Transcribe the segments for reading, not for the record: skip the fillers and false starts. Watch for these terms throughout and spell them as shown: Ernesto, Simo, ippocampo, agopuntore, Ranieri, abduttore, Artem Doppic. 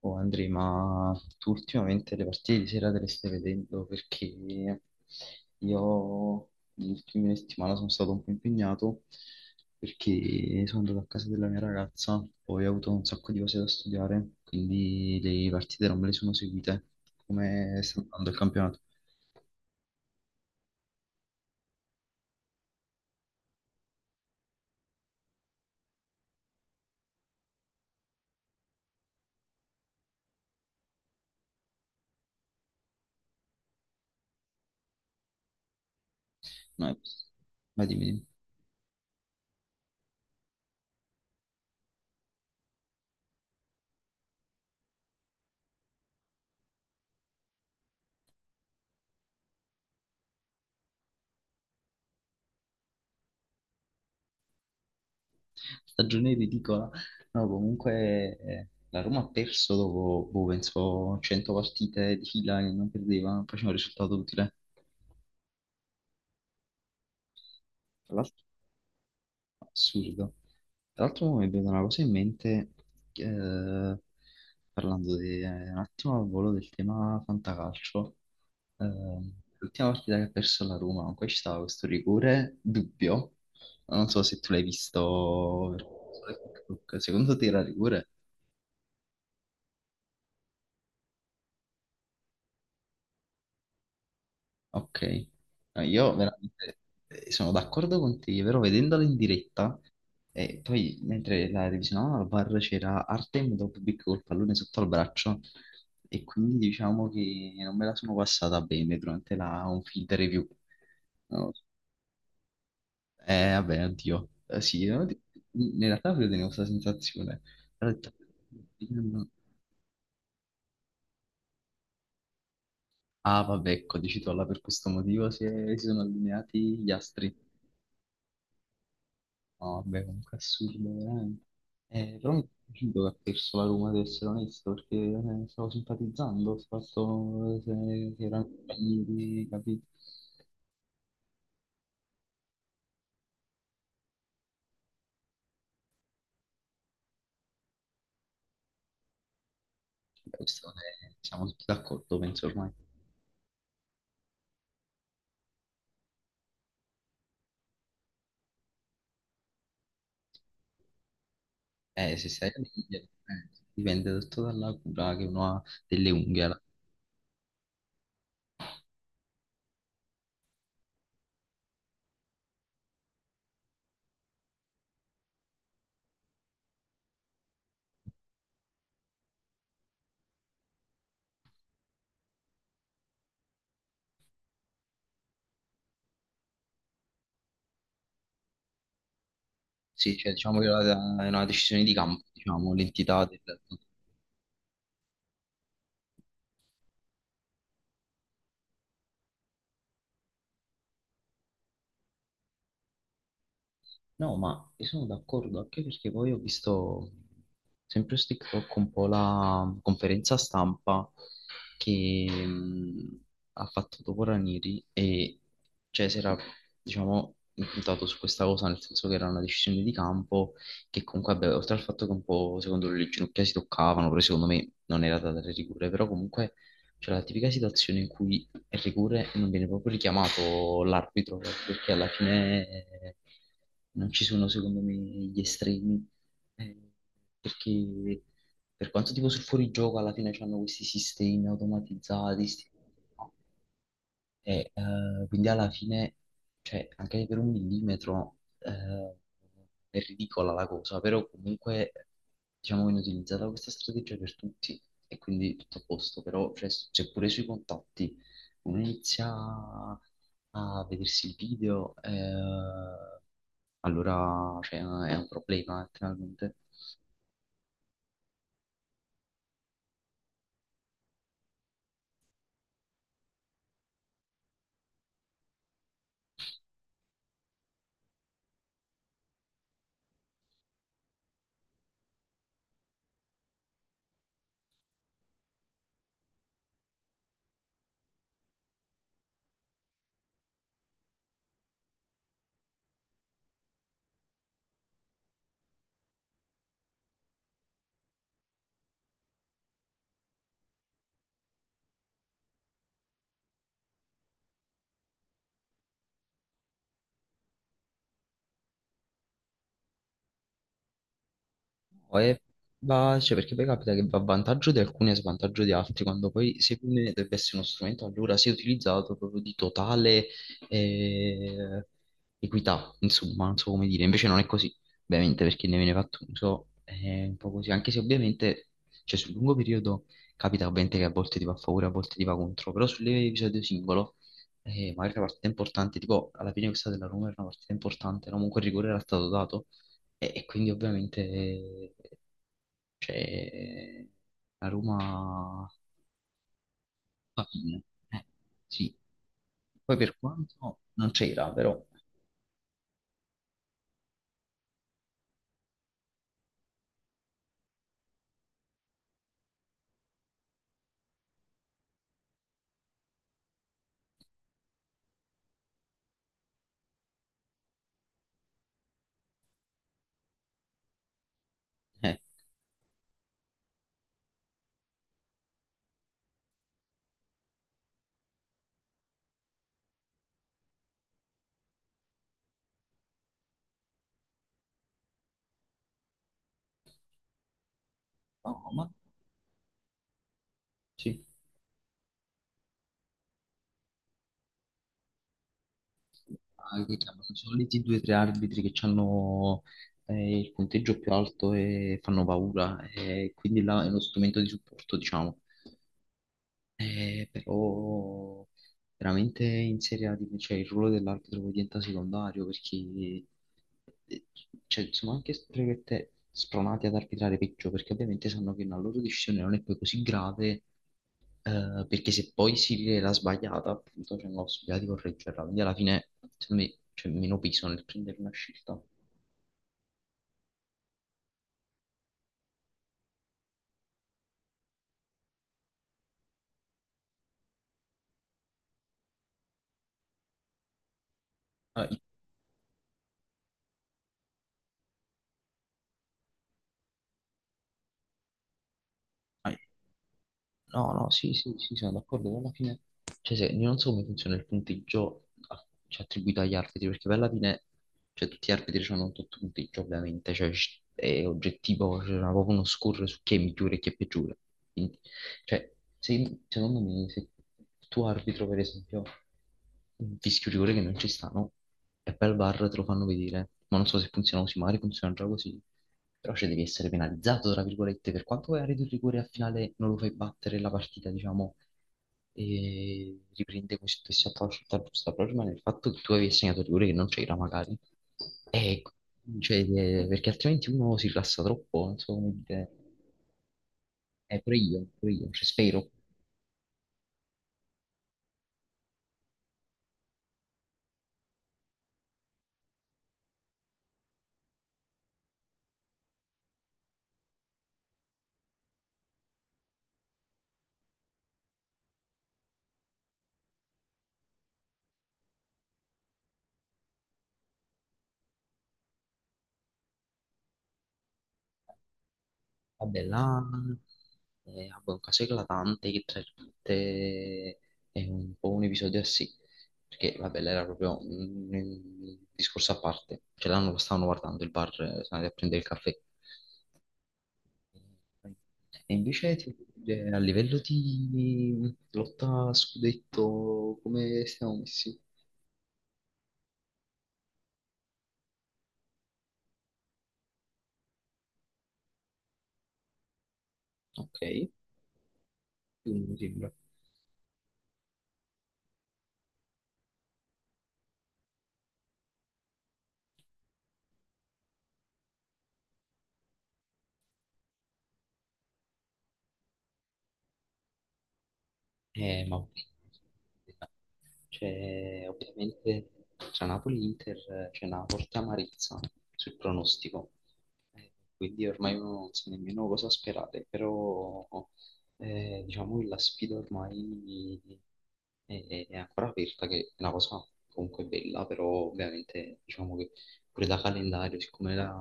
Oh Andrea, ma tu ultimamente le partite di sera te le stai vedendo? Perché io le ultime settimane sono stato un po' impegnato, perché sono andato a casa della mia ragazza, poi ho avuto un sacco di cose da studiare, quindi le partite non me le sono seguite. Come sta andando il campionato? No, ma dimmi. Dimmi. Stagione ridicola. No, comunque la Roma ha perso dopo, boh, penso, 100 partite di fila che non perdeva, non faceva un risultato utile. Tra l'altro, assurdo. Tra l'altro mo mi è venuta una cosa in mente, eh, parlando di, un attimo al volo del tema fantacalcio. Eh, L'ultima partita che ha perso la Roma, comunque ci stava questo rigore dubbio. Non so se tu l'hai visto, su Facebook. Secondo te era rigore? Ok. No, io veramente sono d'accordo con te, però vedendola in diretta, e poi mentre la revisionavamo al bar c'era Artem Doppic col pallone sotto al braccio, e quindi diciamo che non me la sono passata bene durante la on field review. No. Eh vabbè, oddio. Sì, in realtà avevo tenuto questa sensazione. Però ho detto, "Io non- Ah vabbè, ecco, dici tu, allora per questo motivo si, si sono allineati gli astri. No, vabbè, comunque è assurdo, veramente. Però mi è piaciuto che ha perso la Roma, ad essere onesto, perché stavo simpatizzando, ho fatto se erano amici, capito? Beh, siamo tutti d'accordo, penso ormai. Se stai lì, dipende tutto dalla cura che uno ha delle unghie. Alla- Sì, cioè, diciamo che è una decisione di campo, diciamo, l'entità del. No, ma io sono d'accordo, anche perché poi ho visto sempre su TikTok un po' la conferenza stampa che ha fatto dopo Ranieri, e cioè si era, diciamo, impuntato su questa cosa, nel senso che era una decisione di campo, che comunque, vabbè, oltre al fatto che un po' secondo lui le ginocchia si toccavano, però secondo me non era da dare rigore, però comunque c'è la tipica situazione in cui il rigore non viene proprio richiamato l'arbitro, perché alla fine non ci sono, secondo me, gli estremi. eh, Perché per quanto tipo sul fuorigioco, alla fine c'hanno questi sistemi automatizzati, quindi alla fine, cioè, anche per un millimetro è ridicola la cosa, però comunque diciamo viene utilizzata questa strategia per tutti, e quindi tutto a posto, però cioè, c'è pure sui contatti, uno inizia a vedersi il video, allora cioè, è un problema letteralmente. No, e cioè, perché poi capita che va a vantaggio di alcuni e a svantaggio di altri, quando poi secondo me dovrebbe essere uno strumento allora sia utilizzato proprio di totale eh, equità, insomma, non so come dire, invece non è così, ovviamente, perché ne viene fatto uso, è un po' così, anche se ovviamente, cioè, sul lungo periodo capita ovviamente che a volte ti va a favore, a volte ti va contro, però sull'episodio singolo, magari la partita importante, tipo alla fine questa della Roma era una partita importante, no? Comunque il rigore era stato dato. E quindi ovviamente cioè, la Roma fa bene. Eh, sì. Poi per quanto non c'era, però. Eh, no, ma sì. Ah, che chiamano i soliti due o tre arbitri che hanno il punteggio più alto e fanno paura. E quindi là è uno strumento di supporto, diciamo. Però veramente in Serie A cioè, il ruolo dell'arbitro poi diventa secondario perché eh, cioè, sono anche strette spronati ad arbitrare peggio, perché ovviamente sanno che una loro decisione non è poi così grave, perché se poi si rivela sbagliata appunto c'è una possibilità di correggerla, quindi alla fine secondo me c'è meno peso nel prendere una scelta. Ah, no, no, sì, sì, sì, sono d'accordo, però alla fine, cioè, se, io non so come funziona il punteggio cioè, attribuito agli arbitri, perché poi alla fine, cioè, tutti gli arbitri hanno un tutto punteggio, ovviamente, cioè, è oggettivo, c'è proprio uno score su chi è migliore e chi è peggiore. Quindi cioè, secondo me, se tu arbitro, per esempio, un fischio rigore che non ci stanno, e poi al VAR te lo fanno vedere, ma non so se funziona così, magari funziona già così, però cioè, devi essere penalizzato, tra virgolette, per quanto vai a rete il rigore al finale non lo fai battere la partita, diciamo, e riprende questo stesso approccio, tutta giusta, però rimane il fatto che tu avevi segnato il rigore che non c'era magari, e, cioè, perché altrimenti uno si rilassa troppo, non so come dire, pure io, cioè spero. Vabbè, là vabbè, un caso eclatante che tra virgolette è un po' un episodio a sé, perché vabbè, là era proprio un discorso a parte, cioè là non lo stavano guardando il bar, sono andati a prendere il caffè. E invece a livello di lotta a scudetto, come stiamo messi? Ok, quindi mi sembra. Ma ok. Cioè, ovviamente tra Napoli e Inter c'è una forte amarezza sul pronostico, quindi ormai uno non sa nemmeno cosa sperare, però diciamo che la sfida ormai è ancora aperta, che è una cosa comunque bella, però ovviamente diciamo che pure da calendario, siccome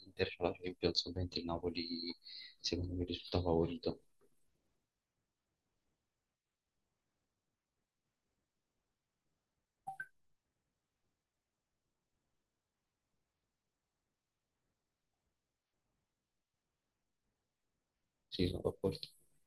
l'Inter c'ha la Champions, ovviamente il Napoli secondo me risulta favorito. Sì, sono d'accordo.